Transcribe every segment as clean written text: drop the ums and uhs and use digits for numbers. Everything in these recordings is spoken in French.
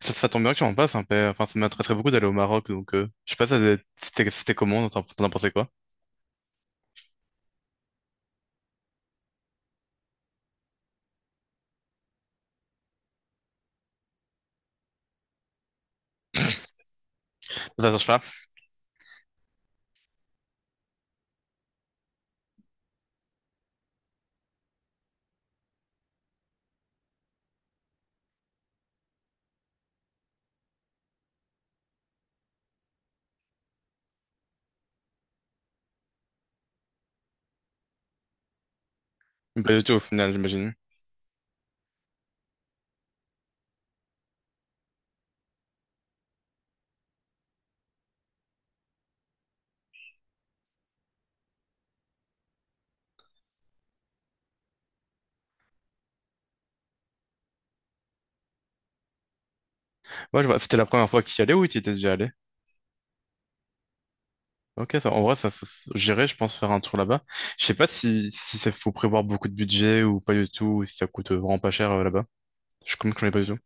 Ça tombe bien que tu en passes un peu. Enfin, ça m'intéresserait beaucoup d'aller au Maroc, donc je sais pas, c'était comment, t'en pensais quoi? Ça change pas? Pas du tout au final, j'imagine. Ouais, je vois. C'était la première fois que tu y allais ou tu y étais déjà allé? Ok, ça, en vrai, j'irais, je pense, faire un tour là-bas. Je sais pas si, si ça faut prévoir beaucoup de budget ou pas du tout, ou si ça coûte vraiment pas cher là-bas. Je comme que j'en ai pas du tout.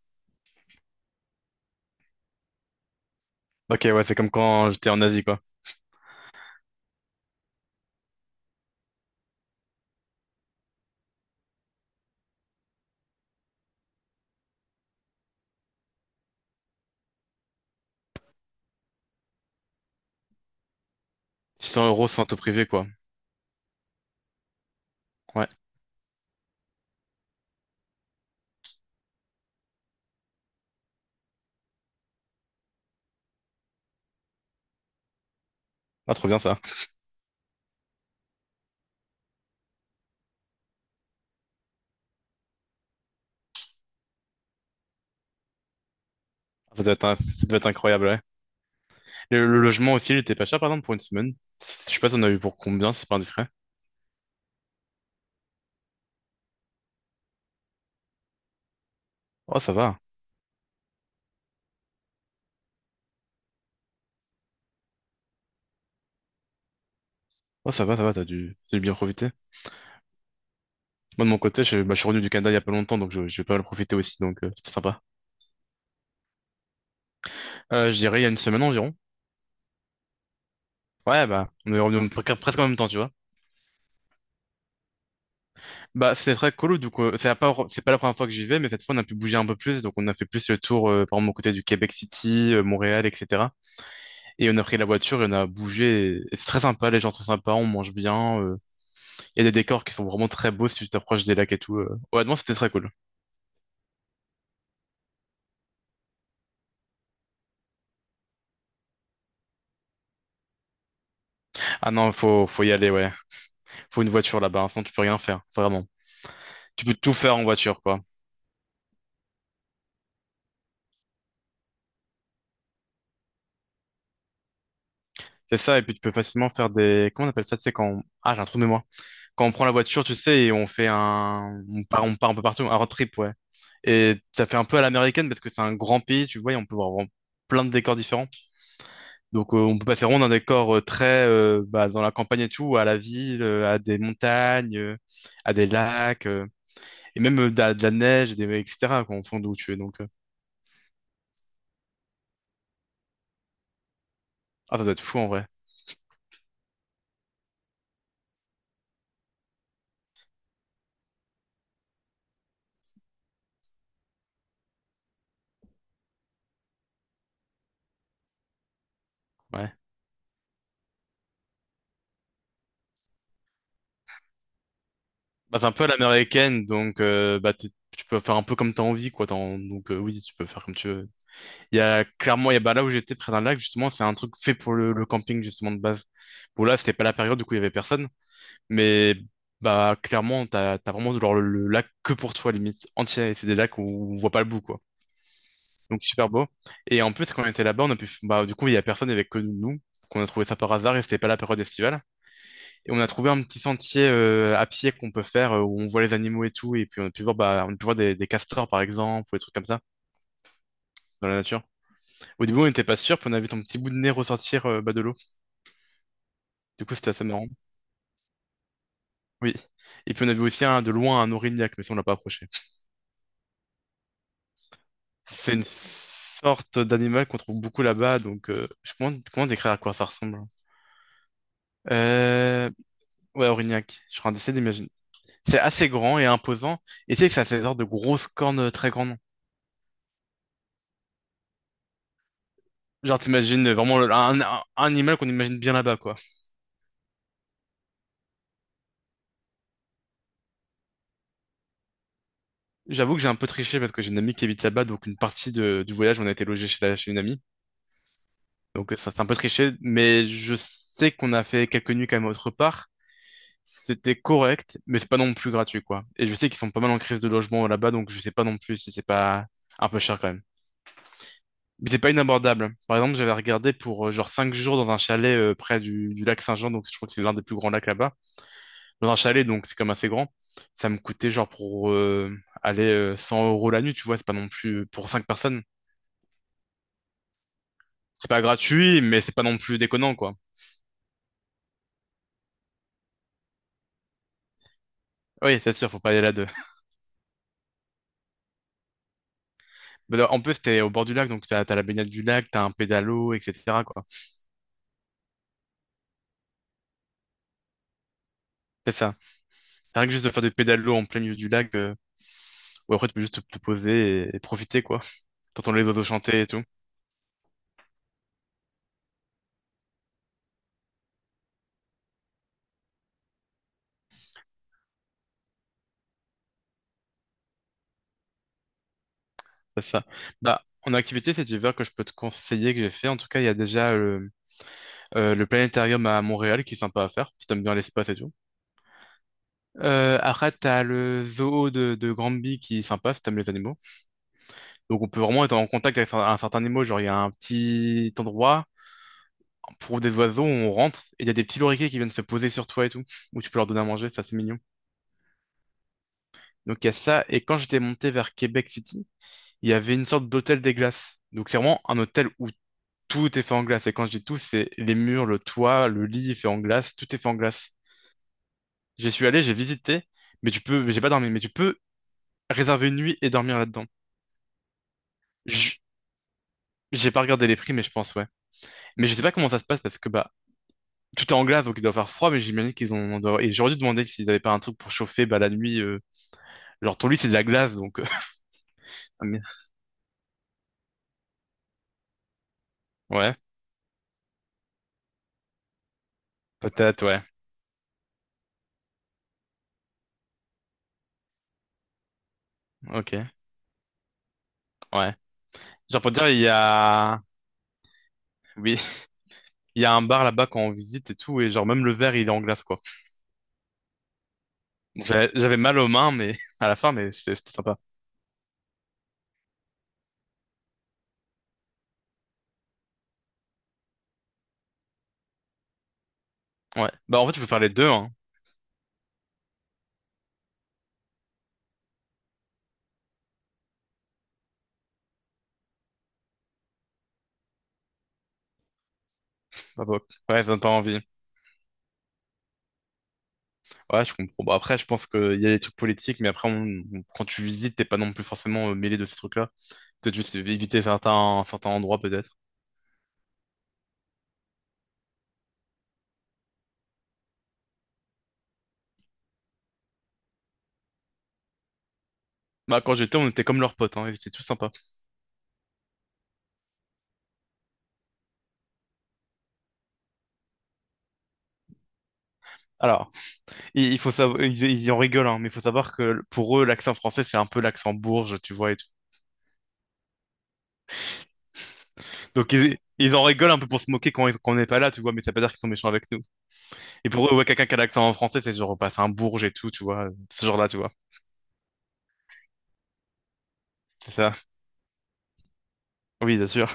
Ok, ouais, c'est comme quand j'étais en Asie, quoi. 600 euros sans auto privé, quoi. Ouais. Ah, trop bien ça. Ça doit être incroyable, ouais. Le logement aussi, il était pas cher, par exemple, pour une semaine. Je sais pas si on a eu pour combien, si c'est pas indiscret. Oh, ça va. Oh, ça va, t'as dû bien profiter. Moi, de mon côté, je, bah, je suis revenu du Canada il y a pas longtemps, donc je vais pas mal profiter aussi, donc c'était sympa. Je dirais il y a une semaine environ. Ouais, bah, on est revenu presque en même temps, tu vois. Bah, c'est très cool, du coup, c'est pas la première fois que j'y vais, mais cette fois, on a pu bouger un peu plus, donc on a fait plus le tour, par exemple, aux côtés du Québec City, Montréal, etc. Et on a pris la voiture et on a bougé, et c'est très sympa, les gens sont très sympas, on mange bien, il y a des décors qui sont vraiment très beaux si tu t'approches des lacs et tout. Honnêtement, c'était très cool. Ah non, faut y aller, ouais. Faut une voiture là-bas, enfin tu peux rien faire, vraiment. Tu peux tout faire en voiture, quoi. C'est ça, et puis tu peux facilement faire des... Comment on appelle ça, tu sais, ah, j'ai un trou de mémoire. Quand on prend la voiture, tu sais, et on fait un... on part un peu partout, un road trip, ouais. Et ça fait un peu à l'américaine, parce que c'est un grand pays, tu vois, et on peut voir vraiment plein de décors différents. Donc on peut passer rond d'un décor très bah, dans la campagne et tout, à la ville, à des montagnes, à des lacs, et même de la neige, et des... etc., quoi, en fond d'où tu es. Ah, ça doit être fou, en vrai. Ouais. Bah, c'est un peu à l'américaine, donc bah, tu peux faire un peu comme tu as envie, quoi. Donc oui, tu peux faire comme tu veux. Il y a bah, là où j'étais près d'un lac, justement, c'est un truc fait pour le camping, justement, de base. Bon, là, c'était pas la période, du coup, il y avait personne. Mais bah, clairement, t'as vraiment genre, le lac que pour toi, limite, entier. C'est des lacs où on voit pas le bout, quoi. Donc super beau. Et en plus, quand on était là-bas, on a pu, bah, du coup, il y a personne, il y avait que nous. Qu'on a trouvé ça par hasard et c'était pas la période estivale. Et on a trouvé un petit sentier à pied qu'on peut faire où on voit les animaux et tout. Et puis on a pu voir, bah, on a pu voir des castors par exemple ou des trucs comme ça dans la nature. Au début, on n'était pas sûr, puis on a vu ton petit bout de nez ressortir bas de l'eau. Du coup, c'était assez marrant. Oui. Et puis on a vu aussi un, de loin un orignac, mais ça, on l'a pas approché. C'est une sorte d'animal qu'on trouve beaucoup là-bas. Donc, je comment décrire à quoi ça ressemble? Hein. Euh, ouais, orignac. Je suis en train d'essayer d'imaginer. C'est assez grand et imposant. Et tu sais que ça a ces sortes de grosses cornes très grandes. Genre, t'imagines vraiment un animal qu'on imagine bien là-bas, quoi. J'avoue que j'ai un peu triché parce que j'ai une amie qui habite là-bas, donc du voyage, on a été logé chez une amie. Donc, ça, c'est un peu triché, mais je sais qu'on a fait quelques nuits quand même autre part. C'était correct, mais c'est pas non plus gratuit, quoi. Et je sais qu'ils sont pas mal en crise de logement là-bas, donc je sais pas non plus si c'est pas un peu cher quand même. Mais c'est pas inabordable. Par exemple, j'avais regardé pour genre 5 jours dans un chalet près du lac Saint-Jean, donc je crois que c'est l'un des plus grands lacs là-bas. Dans un chalet, donc c'est comme assez grand. Ça me coûtait genre pour aller 100 euros la nuit, tu vois, c'est pas non plus pour 5 personnes. C'est pas gratuit, mais c'est pas non plus déconnant, quoi. Oui, c'est sûr, faut pas aller là deux. Mais en plus, c'était au bord du lac, donc t'as la baignade du lac, t'as un pédalo, etc., quoi. C'est ça. Rien que juste de faire des pédalos en plein milieu du lac, où après tu peux juste te poser et profiter, quoi. T'entends les oiseaux chanter et tout. C'est ça. Bah, en activité cet hiver que je peux te conseiller, que j'ai fait, en tout cas, il y a déjà le planétarium à Montréal qui est sympa à faire, si t'aimes bien l'espace et tout. Après, t'as le zoo de Granby qui est sympa si t'aimes les animaux. Donc, on peut vraiment être en contact avec un certain animal. Genre, il y a un petit endroit, pour des oiseaux, où on rentre, et il y a des petits loriquets qui viennent se poser sur toi et tout, où tu peux leur donner à manger, ça c'est mignon. Donc, il y a ça. Et quand j'étais monté vers Québec City, il y avait une sorte d'hôtel des glaces. Donc, c'est vraiment un hôtel où tout est fait en glace. Et quand je dis tout, c'est les murs, le toit, le lit est fait en glace, tout est fait en glace. J'y suis allé, j'ai visité, mais tu peux, j'ai pas dormi, mais tu peux réserver une nuit et dormir là-dedans. Je- J'ai pas regardé les prix, mais je pense, ouais. Mais je sais pas comment ça se passe parce que bah tout est en glace, donc il doit faire froid, mais j'imagine Et j'aurais dû demander s'ils avaient pas un truc pour chauffer bah la nuit. Genre ton lit c'est de la glace, donc. Ah, mais- Ouais, peut-être, ouais. Ok, ouais. Genre pour te dire, il y a. Oui, il y a un bar là-bas quand on visite et tout, et genre même le verre il est en glace quoi. Donc, j'avais mal aux mains, mais à la fin, mais c'était sympa. Ouais. Bah en fait, tu peux faire les deux, hein. Bah, bah, Ouais, ça donne pas envie. Ouais, je comprends. Bah, après, je pense qu'il y a des trucs politiques, mais après, quand tu visites, t'es pas non plus forcément mêlé de ces trucs-là. Peut-être juste éviter certains endroits, peut-être. Bah, quand j'étais, on était comme leurs potes, hein, ils étaient tous sympas. Alors, il faut savoir, ils en rigolent, hein, mais il faut savoir que pour eux, l'accent français, c'est un peu l'accent bourge, tu vois, et tout. Donc, ils en rigolent un peu pour se moquer quand on n'est pas là, tu vois, mais ça veut pas dire qu'ils sont méchants avec nous. Et pour eux, ouais, quelqu'un qui a l'accent en français, c'est genre, bah, c'est un bourge et tout, tu vois, ce genre-là, tu vois. C'est ça. Oui, bien sûr.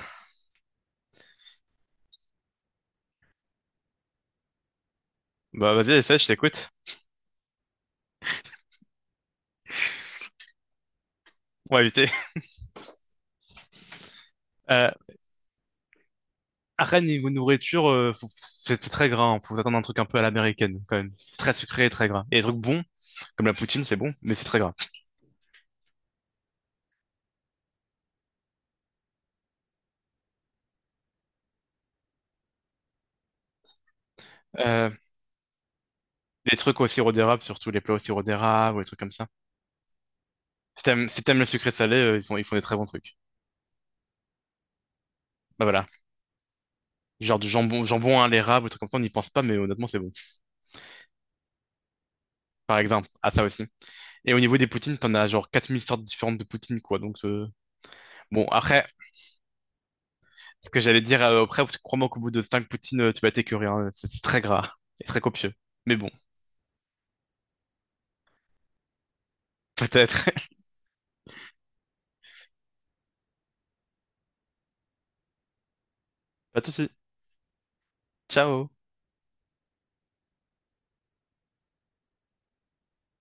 Bah, vas-y, essaie, je t'écoute. On va éviter. Euh, à Rennes, niveau nourriture, c'est très gras, hein, faut s'attendre à un truc un peu à l'américaine, quand même. C'est très sucré, et très gras. Et des trucs bons, comme la poutine, c'est bon, mais c'est très gras. Euh, les trucs au sirop d'érable, surtout les plats au sirop d'érable ou les trucs comme ça. Si t'aimes le sucré salé, ils font des très bons trucs. Bah voilà. Genre du jambon, jambon à l'érable, des trucs comme ça, on n'y pense pas, mais honnêtement, c'est bon. Par exemple, à ça aussi. Et au niveau des poutines, t'en as genre 4000 sortes différentes de poutines, quoi. Donc, bon, après, ce que j'allais dire après, parce que crois-moi qu'au bout de 5 poutines, tu vas t'écœurer, hein. C'est très gras et très copieux. Mais bon, peut-être. Pas de soucis. Ciao.